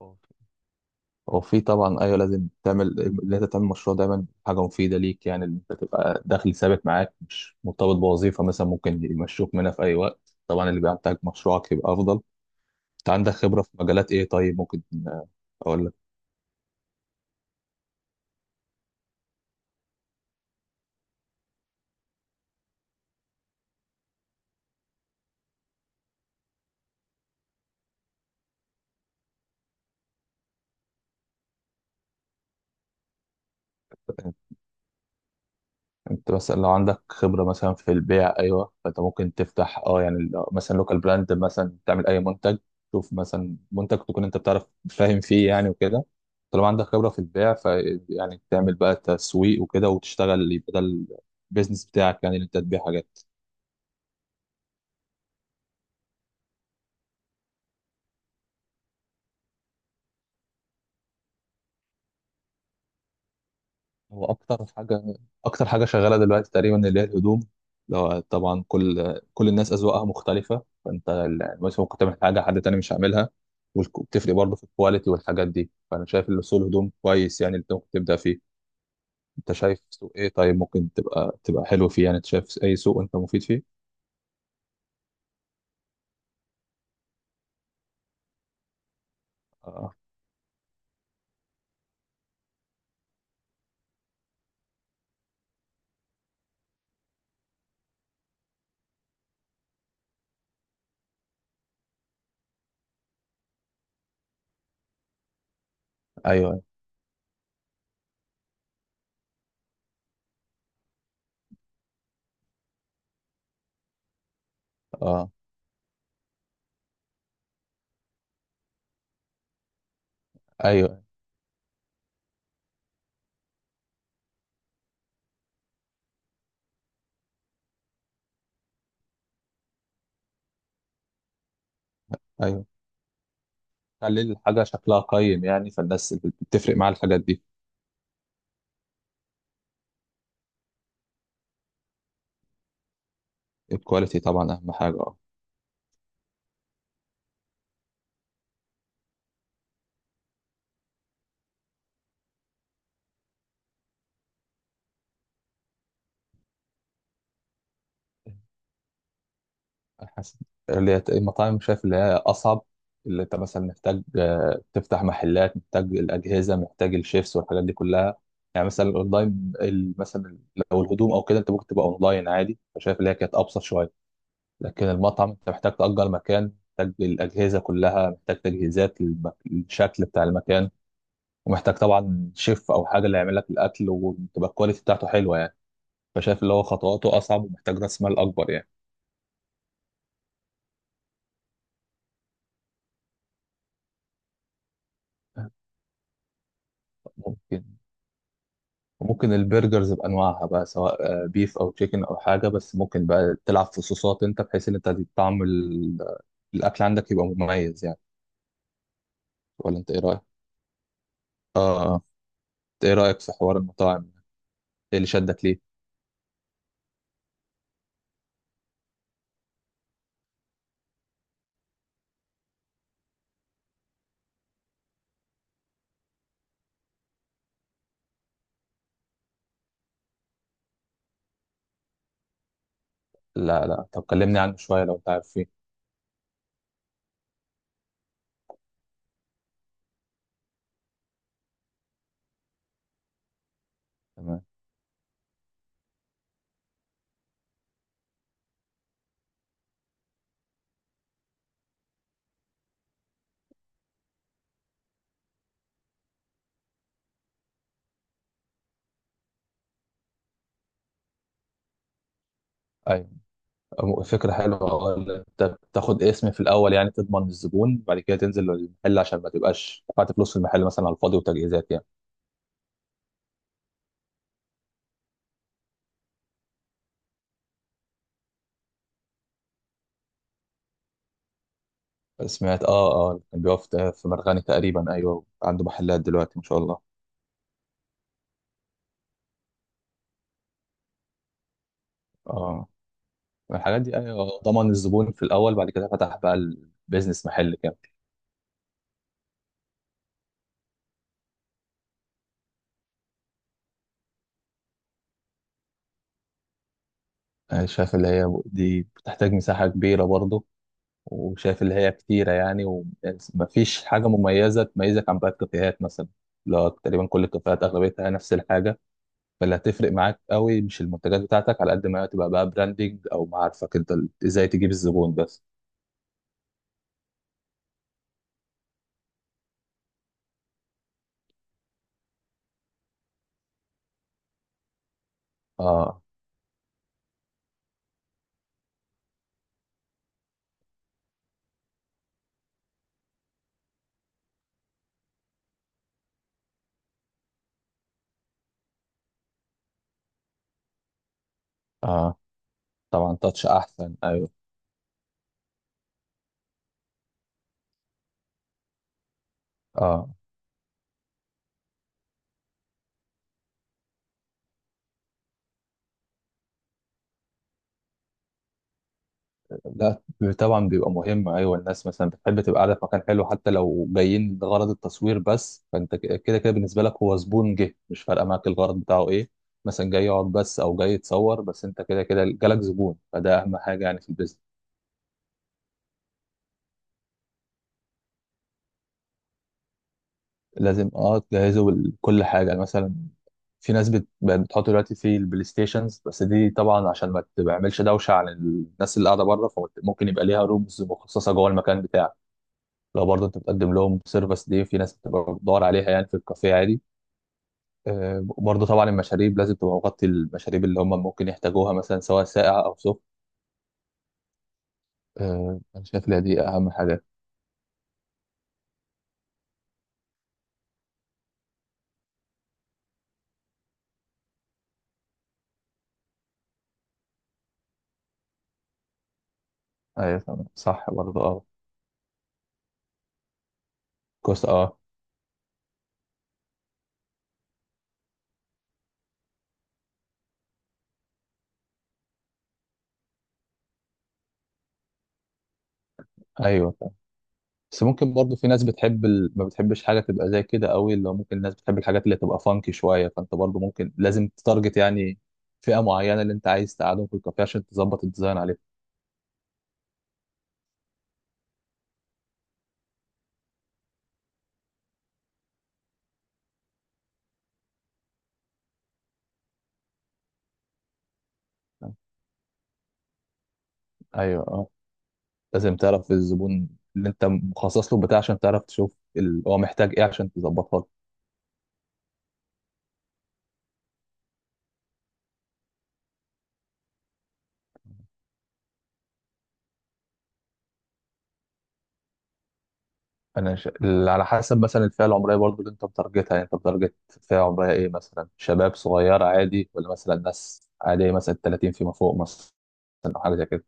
أو- وفي طبعا ايوه، لازم تعمل اللي انت تعمل مشروع دايما. حاجه مفيده ليك يعني، اللي انت تبقى دخل ثابت معاك مش مرتبط بوظيفه مثلا ممكن يمشوك منها في اي وقت. طبعا اللي بيحتاج مشروعك يبقى افضل. انت عندك خبره في مجالات ايه طيب؟ ممكن آه، اقول لك. آه، انت مثلا لو عندك خبرة مثلا في البيع ايوه، فانت ممكن تفتح مثلا لوكال براند مثلا، تعمل اي منتج. شوف مثلا منتج تكون انت بتعرف فاهم فيه يعني وكده. طالما عندك خبرة في البيع، ف يعني تعمل بقى تسويق وكده وتشتغل، يبقى ده البيزنس بتاعك يعني، اللي انت تبيع حاجات. هو اكتر حاجه شغاله دلوقتي تقريبا اللي هي الهدوم. لو طبعا كل الناس اذواقها مختلفه، فانت مثلا ممكن تعمل حاجه حد تاني مش هيعملها. وبتفرق برضه في الكواليتي والحاجات دي. فانا شايف ان سوق الهدوم كويس يعني اللي انت ممكن تبدا فيه. انت شايف سوق ايه طيب ممكن تبقى حلو فيه يعني؟ انت شايف اي سوق انت مفيد فيه؟ اه. ايوه. اه. ايوه. ايوه، خلي الحاجه شكلها قيم يعني، فالناس بتفرق معاها الحاجات دي. الكواليتي طبعا اهم حاجه، اه. حسن، اللي هي المطاعم شايف اللي هي اصعب. اللي انت مثلا محتاج تفتح محلات، محتاج الاجهزه، محتاج الشيفس والحاجات دي كلها. يعني مثلا الاونلاين مثلا، لو الهدوم او كده انت ممكن تبقى اونلاين عادي، فشايف اللي هي كانت ابسط شويه. لكن المطعم انت محتاج تأجر مكان، محتاج الاجهزه كلها، محتاج تجهيزات للشكل بتاع المكان، ومحتاج طبعا شيف او حاجه اللي يعمل لك الاكل وتبقى الكواليتي بتاعته حلوه يعني. فشايف اللي هو خطواته اصعب ومحتاج راس مال اكبر يعني. ممكن. وممكن البرجرز بانواعها بقى، سواء بيف او تشيكن او حاجه، بس ممكن بقى تلعب في صوصات انت، بحيث ان انت طعم الاكل عندك يبقى مميز يعني. ولا انت ايه رايك؟ اه. آه. انت ايه رايك في حوار المطاعم؟ ايه اللي شدك ليه؟ لا لا، طب كلمني عنه شويه لو انت عارف فيه. تمام. ايوه، فكره حلوه، اه، إن انت بتاخد اسم في الاول يعني، تضمن الزبون بعد كده تنزل المحل، عشان ما تبقاش دفعت فلوس في المحل مثلا على الفاضي وتجهيزات يعني. سمعت، اه اه كان بيقف في مرغني تقريبا، ايوه عنده محلات دلوقتي ما شاء الله. اه. الحاجات دي أيوة، ضمن الزبون في الاول بعد كده فتح بقى البيزنس محل كامل. شايف اللي هي دي بتحتاج مساحه كبيره برضه، وشايف اللي هي كتيره يعني، ومفيش حاجه مميزه تميزك عن باقي الكافيهات مثلا. لا تقريبا كل الكافيهات اغلبيتها نفس الحاجه. فاللي هتفرق معاك قوي مش المنتجات بتاعتك، على قد ما تبقى بقى براندنج او معارفك انت، ازاي تجيب الزبون بس. اه. اه طبعا، تاتش احسن، ايوه. اه. لا طبعا بيبقى مهم، ايوه الناس مثلا بتحب تبقى قاعده في مكان حلو حتى لو جايين لغرض التصوير بس. فانت كده كده بالنسبه لك هو زبون جه، مش فارقه معاك الغرض بتاعه ايه. مثلا جاي يقعد بس او جاي يتصور بس، انت كده كده جالك زبون، فده اهم حاجه يعني في البيزنس. لازم اه تجهزه لكل حاجه يعني. مثلا في ناس بقت بتحط دلوقتي في البلاي ستيشنز، بس دي طبعا عشان ما تعملش دوشه على الناس اللي قاعده بره، فممكن يبقى ليها رومز مخصصه جوه المكان بتاعك. لو برضه انت بتقدم لهم سيرفيس دي في ناس بتبقى بتدور عليها يعني في الكافيه عادي. وبرضه طبعا المشاريب لازم تبقى مغطي المشاريب اللي هم ممكن يحتاجوها مثلا، سواء ساقعة او سخن. انا شايف ان دي اهم حاجة. ايوه تمام صح برضه، اه. كويس، اه. ايوه تمام. بس ممكن برضه في ناس ما بتحبش حاجة تبقى زي كده قوي، اللي هو ممكن الناس بتحب الحاجات اللي تبقى فانكي شوية. فانت برضه ممكن لازم تتارجت يعني فئة معينة اللي انت عايز تقعدهم في الكافيه، عشان تظبط الديزاين عليهم. آه، ايوه. آه. لازم تعرف الزبون اللي انت مخصص له بتاع، عشان تعرف تشوف هو محتاج ايه عشان تظبطها له. على حسب مثلا الفئه العمريه برضو اللي انت متارجتها. يعني انت متارجت فئه عمريه ايه؟ مثلا شباب صغير عادي، ولا مثلا ناس عاديه مثلا 30 فيما فوق مثلا، او حاجه زي كده.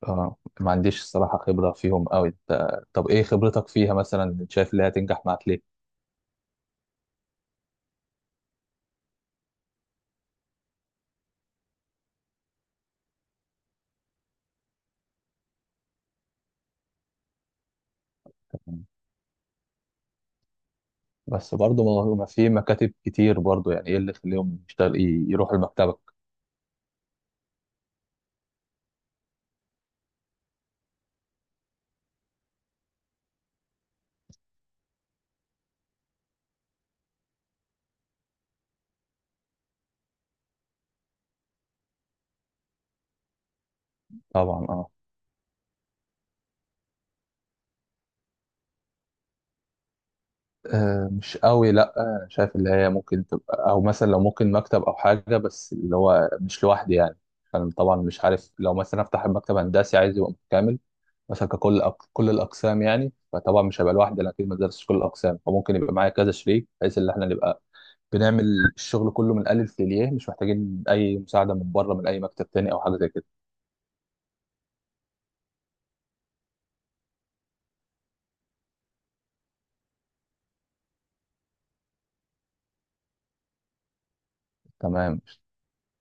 اه ما عنديش الصراحه خبره فيهم قوي انت. طب ايه خبرتك فيها مثلا؟ شايف اللي هتنجح معاك ليه؟ بس برضو ما في مكاتب كتير برضو، يعني ايه اللي يخليهم يروحوا لمكتبك؟ طبعا، اه. مش قوي، لا. شايف اللي هي ممكن تبقى، او مثلا لو ممكن مكتب او حاجه، بس اللي هو مش لوحدي يعني. انا طبعا مش عارف، لو مثلا افتح مكتب هندسي عايز يبقى متكامل مثلا، كل الاقسام يعني، فطبعا مش هبقى لوحدي، انا اكيد ما درستش كل الاقسام، فممكن يبقى معايا كذا شريك، بحيث ان احنا نبقى بنعمل الشغل كله من الالف للياء، مش محتاجين اي مساعده من بره من اي مكتب تاني او حاجه زي كده. تمام.